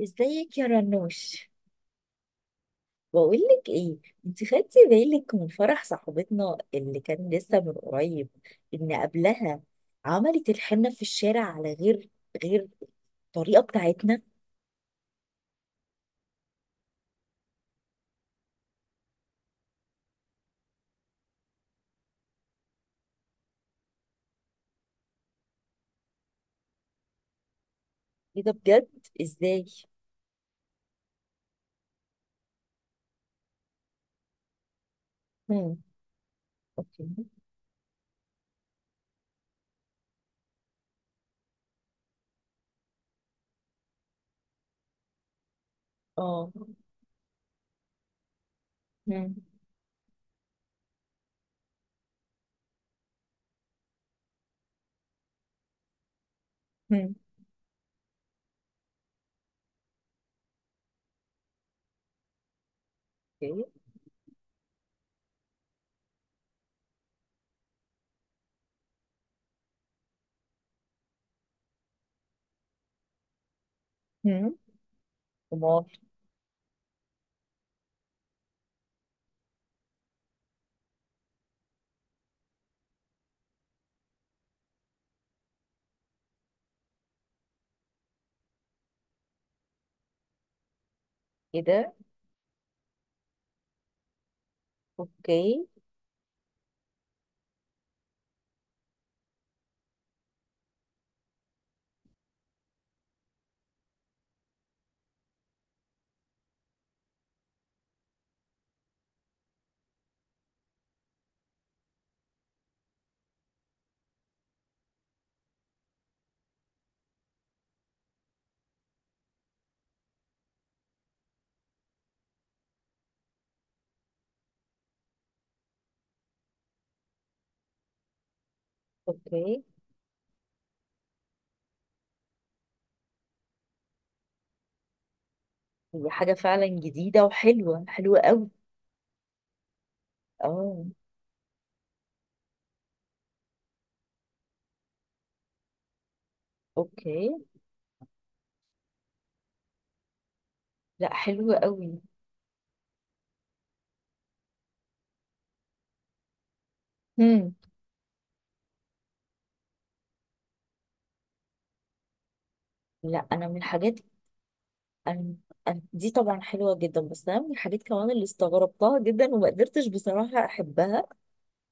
ازيك يا رنوش؟ بقولك ايه، انت خدتي بالك من فرح صاحبتنا اللي كان لسه من قريب؟ ان قبلها عملت الحنة في الشارع على غير الطريقة بتاعتنا. ايه ده بجد؟ ازاي؟ مم. اوكي. اه. مم. مم. اوكي. مم. امال. ايه ده. اوكي. اوكي. هي حاجة فعلا جديدة وحلوة حلوة قوي. اه. اوكي. لا، حلوة قوي. مم. لا انا من الحاجات. أنا أنا دي طبعا حلوة جدا، بس أنا من الحاجات كمان اللي استغربتها جدا وما قدرتش بصراحة أحبها.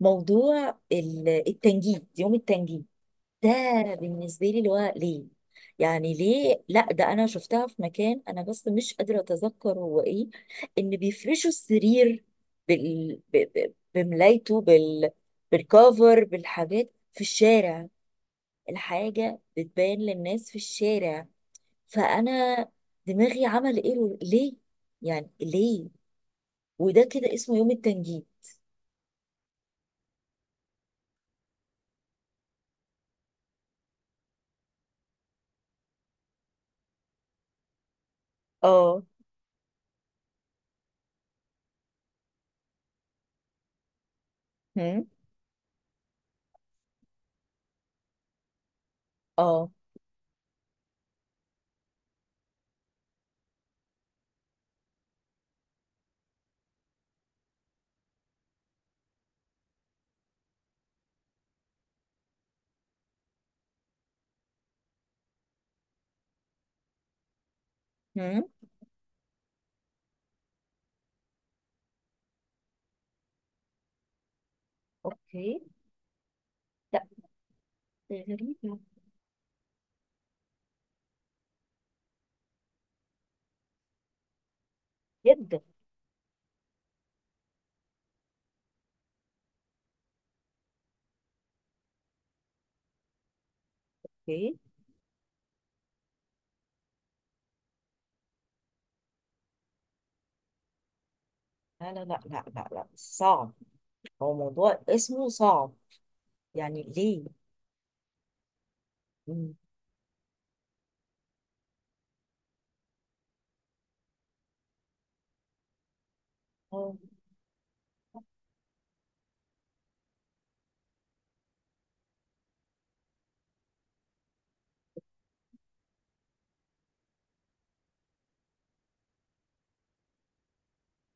موضوع التنجيد، يوم التنجيد ده، بالنسبة لي اللي هو ليه؟ يعني ليه؟ لا ده أنا شفتها في مكان، أنا بس مش قادرة أتذكر هو إيه. إن بيفرشوا السرير بملايته، بالكوفر، بالحاجات في الشارع. الحاجة بتبان للناس في الشارع. فانا دماغي عمل ايرور، ليه يعني؟ ليه؟ وده كده اسمه يوم التنجيم. اه. هم. اه. هم. اوكي. لا، غريبة جدا. اوكي. لا لا لا لا لا لا، صعب. هو موضوع اسمه صعب، يعني ليه؟ مم. اه.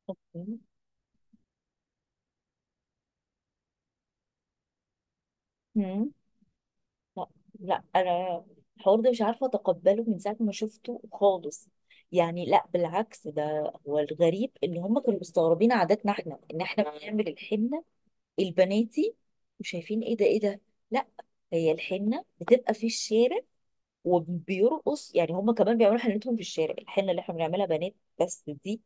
اوكي. هم. لا. لا انا الحوار ده مش عارفة اتقبله من ساعة ما شفته خالص. يعني لا بالعكس، ده هو الغريب ان هم كانوا مستغربين عاداتنا احنا، ان احنا بنعمل الحنة البناتي، وشايفين ايه ده ايه ده. لا، هي الحنه بتبقى في الشارع وبيرقص، يعني هم كمان بيعملوا حنتهم في الشارع. الحنه اللي احنا بنعملها بنات بس دي،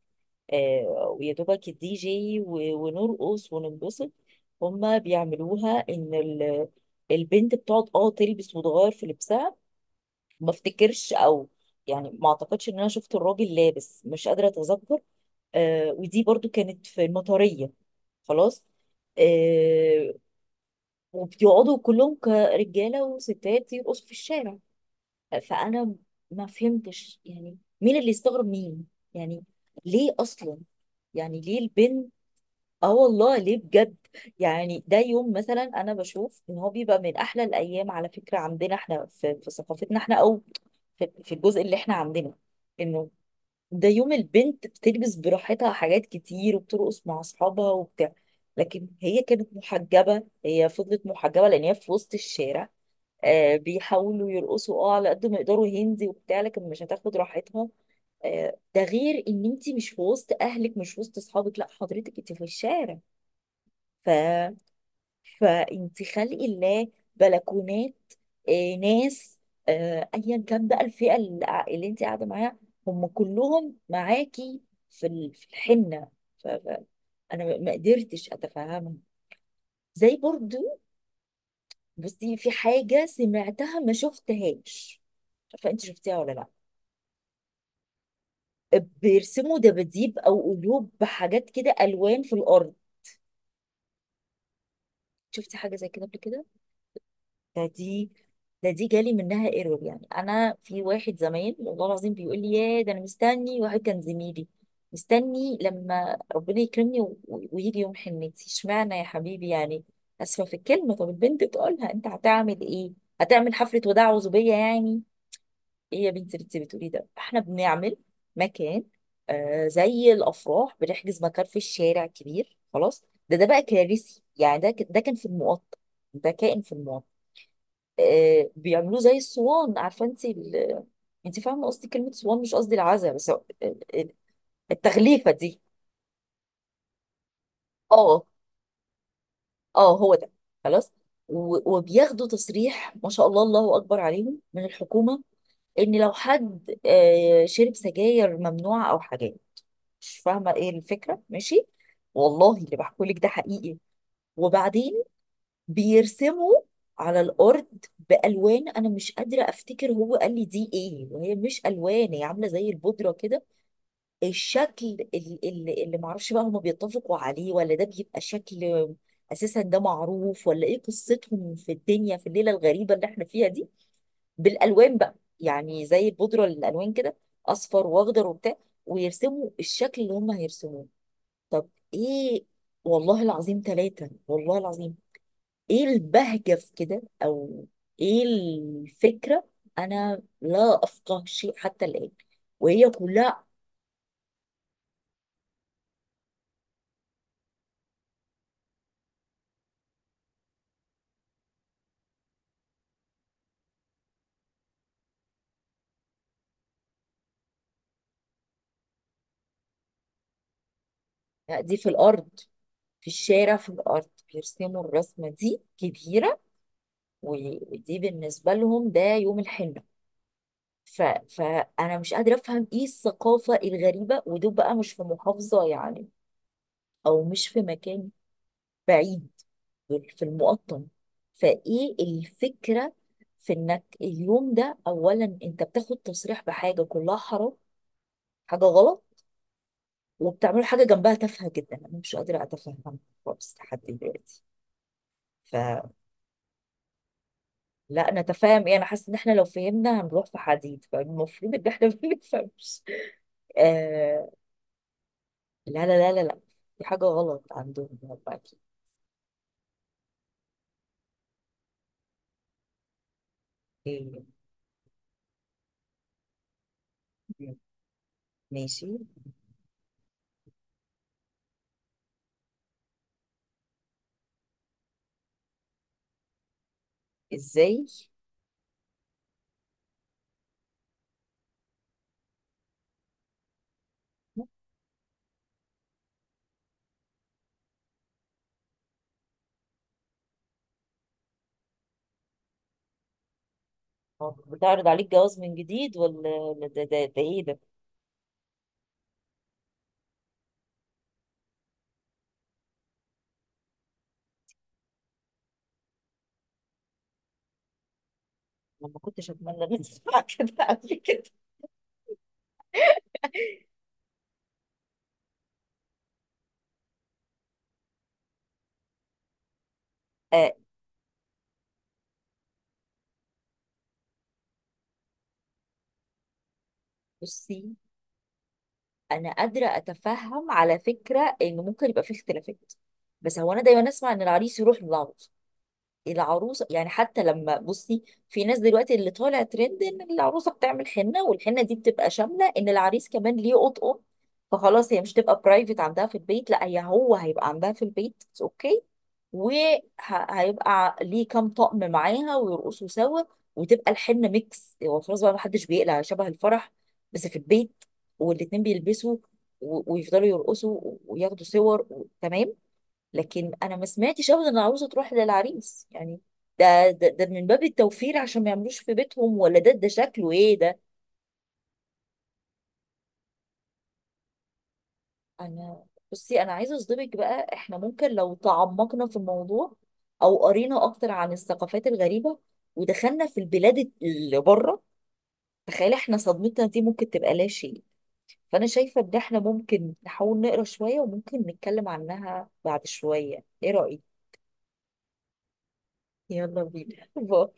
آه، ويا دوبك الدي جي ونرقص وننبسط. هم بيعملوها ان البنت بتقعد، تلبس وتغير في لبسها. ما افتكرش، او يعني ما اعتقدش ان انا شفت الراجل لابس، مش قادره اتذكر. آه، ودي برضو كانت في المطريه، خلاص. آه، وبيقعدوا كلهم كرجاله وستات يرقصوا في الشارع. فانا ما فهمتش يعني مين اللي استغرب مين؟ يعني ليه اصلا؟ يعني ليه البنت؟ اه والله ليه بجد؟ يعني ده يوم مثلا انا بشوف ان هو بيبقى من احلى الايام على فكره عندنا احنا في، في, ثقافتنا احنا، او في الجزء اللي احنا عندنا، انه ده يوم البنت بتلبس براحتها حاجات كتير وبترقص مع اصحابها وبتاع. لكن هي كانت محجبة، هي فضلت محجبة لان هي في وسط الشارع. آه، بيحاولوا يرقصوا، على قد ما يقدروا هندي وبتاع، لكن مش هتاخد راحتها. آه، ده غير ان انت مش في وسط اهلك، مش في وسط اصحابك، لا حضرتك انت في الشارع. ف فانت خلق الله بلكونات، آه، ناس، آه، ايا كان بقى الفئه اللي انت قاعده معاها، هم كلهم معاكي في في الحنه. ف- ف- انا ما قدرتش اتفهمها، زي برضو. بصي، في حاجه سمعتها ما شفتهاش، فانت شفتيها ولا لا؟ بيرسموا دباديب او قلوب بحاجات كده، الوان في الارض. شفتي حاجه زي كده قبل كده؟ فدي فدي جالي منها ايرور. يعني انا، في واحد زمان والله العظيم بيقول لي، يا ده انا مستني، واحد كان زميلي، مستني لما ربنا يكرمني ويجي يوم حنتي، اشمعنى يا حبيبي يعني؟ اسفه في الكلمه. طب البنت تقولها، انت هتعمل ايه؟ هتعمل حفله وداع وزوبيه يعني؟ ايه يا بنتي اللي انت بتقولي ده؟ احنا بنعمل مكان، آه، زي الافراح، بنحجز مكان في الشارع كبير. خلاص، ده بقى كارثي. يعني ده كان في المقطم، ده كائن في المقطم. آه، بيعملوه زي الصوان، عارفه انت انت فاهمه قصدي كلمه صوان، مش قصدي العزا، بس التغليفه دي. اه، اه، هو ده، خلاص. وبياخدوا تصريح، ما شاء الله، الله اكبر عليهم، من الحكومه، ان لو حد آه، شرب سجاير ممنوعه او حاجات. مش فاهمه ايه الفكره، ماشي. والله اللي بحكولك ده حقيقي. وبعدين بيرسموا على الارض بالوان، انا مش قادره افتكر هو قال لي دي ايه، وهي مش الوان، هي عامله زي البودره كده. الشكل اللي معرفش بقى هما بيتفقوا عليه، ولا ده بيبقى شكل اساسا ده معروف، ولا ايه قصتهم في الدنيا في الليله الغريبه اللي احنا فيها دي؟ بالالوان بقى، يعني زي البودره الالوان كده، اصفر واخضر وبتاع، ويرسموا الشكل اللي هما هيرسموه. طب ايه؟ والله العظيم، ثلاثة والله العظيم، ايه البهجة في كده، او ايه الفكرة؟ انا لا افقه شيء حتى الآن. وهي كلها دي في الارض، في الشارع، في الارض بيرسموا الرسمة دي كبيرة، ودي بالنسبة لهم ده يوم الحنة. ف... فانا مش قادرة افهم ايه الثقافة الغريبة، ودول بقى مش في محافظة يعني، او مش في مكان بعيد، يعني في المقطم. فايه الفكرة في انك اليوم ده اولا انت بتاخد تصريح بحاجة كلها حرام، حاجة غلط، وبتعمل حاجة جنبها تافهة جدا. انا مش قادرة اتفهم خالص لحد دلوقتي. فلا. انا تفاهم ايه؟ انا حاسه ان احنا لو فهمنا هنروح في حديد، فالمفروض ان احنا ما نفهمش. آه. لا لا لا لا لا، في حاجه غلط عندهم هم اكيد. إيه، ماشي. ازاي؟ هو بتعرض عليك جواز من جديد، ولا ده ايه ده؟ انا ما كنتش اتمنى ان اسمع كده قبل كده. آه. بصي، انا قادره اتفهم على فكره ان ممكن يبقى فيه اختلافات، بس هو انا دايما اسمع ان العريس يروح للعروسه، العروسه يعني. حتى لما بصي في ناس دلوقتي اللي طالع ترند ان العروسه بتعمل حنه، والحنه دي بتبقى شامله ان العريس كمان ليه قطقه. فخلاص هي مش تبقى برايفت عندها في البيت، لا هي، هو هيبقى عندها في البيت. اوكي. وهيبقى ليه كام طقم معاها ويرقصوا سوا، وتبقى الحنه ميكس. هو خلاص بقى محدش بيقلع شبه الفرح، بس في البيت، والاتنين بيلبسوا ويفضلوا يرقصوا وياخدوا صور تمام. لكن انا ما سمعتش ابدا ان العروسه تروح للعريس يعني. ده من باب التوفير عشان ما يعملوش في بيتهم، ولا ده شكله ايه ده؟ انا، بصي انا عايزه اصدمك بقى، احنا ممكن لو تعمقنا في الموضوع، او قرينا اكتر عن الثقافات الغريبه، ودخلنا في البلاد اللي بره، تخيل احنا صدمتنا دي ممكن تبقى لا شيء. فانا شايفه ان احنا ممكن نحاول نقرا شويه، وممكن نتكلم عنها بعد شويه. ايه رايك؟ يلا بينا باي.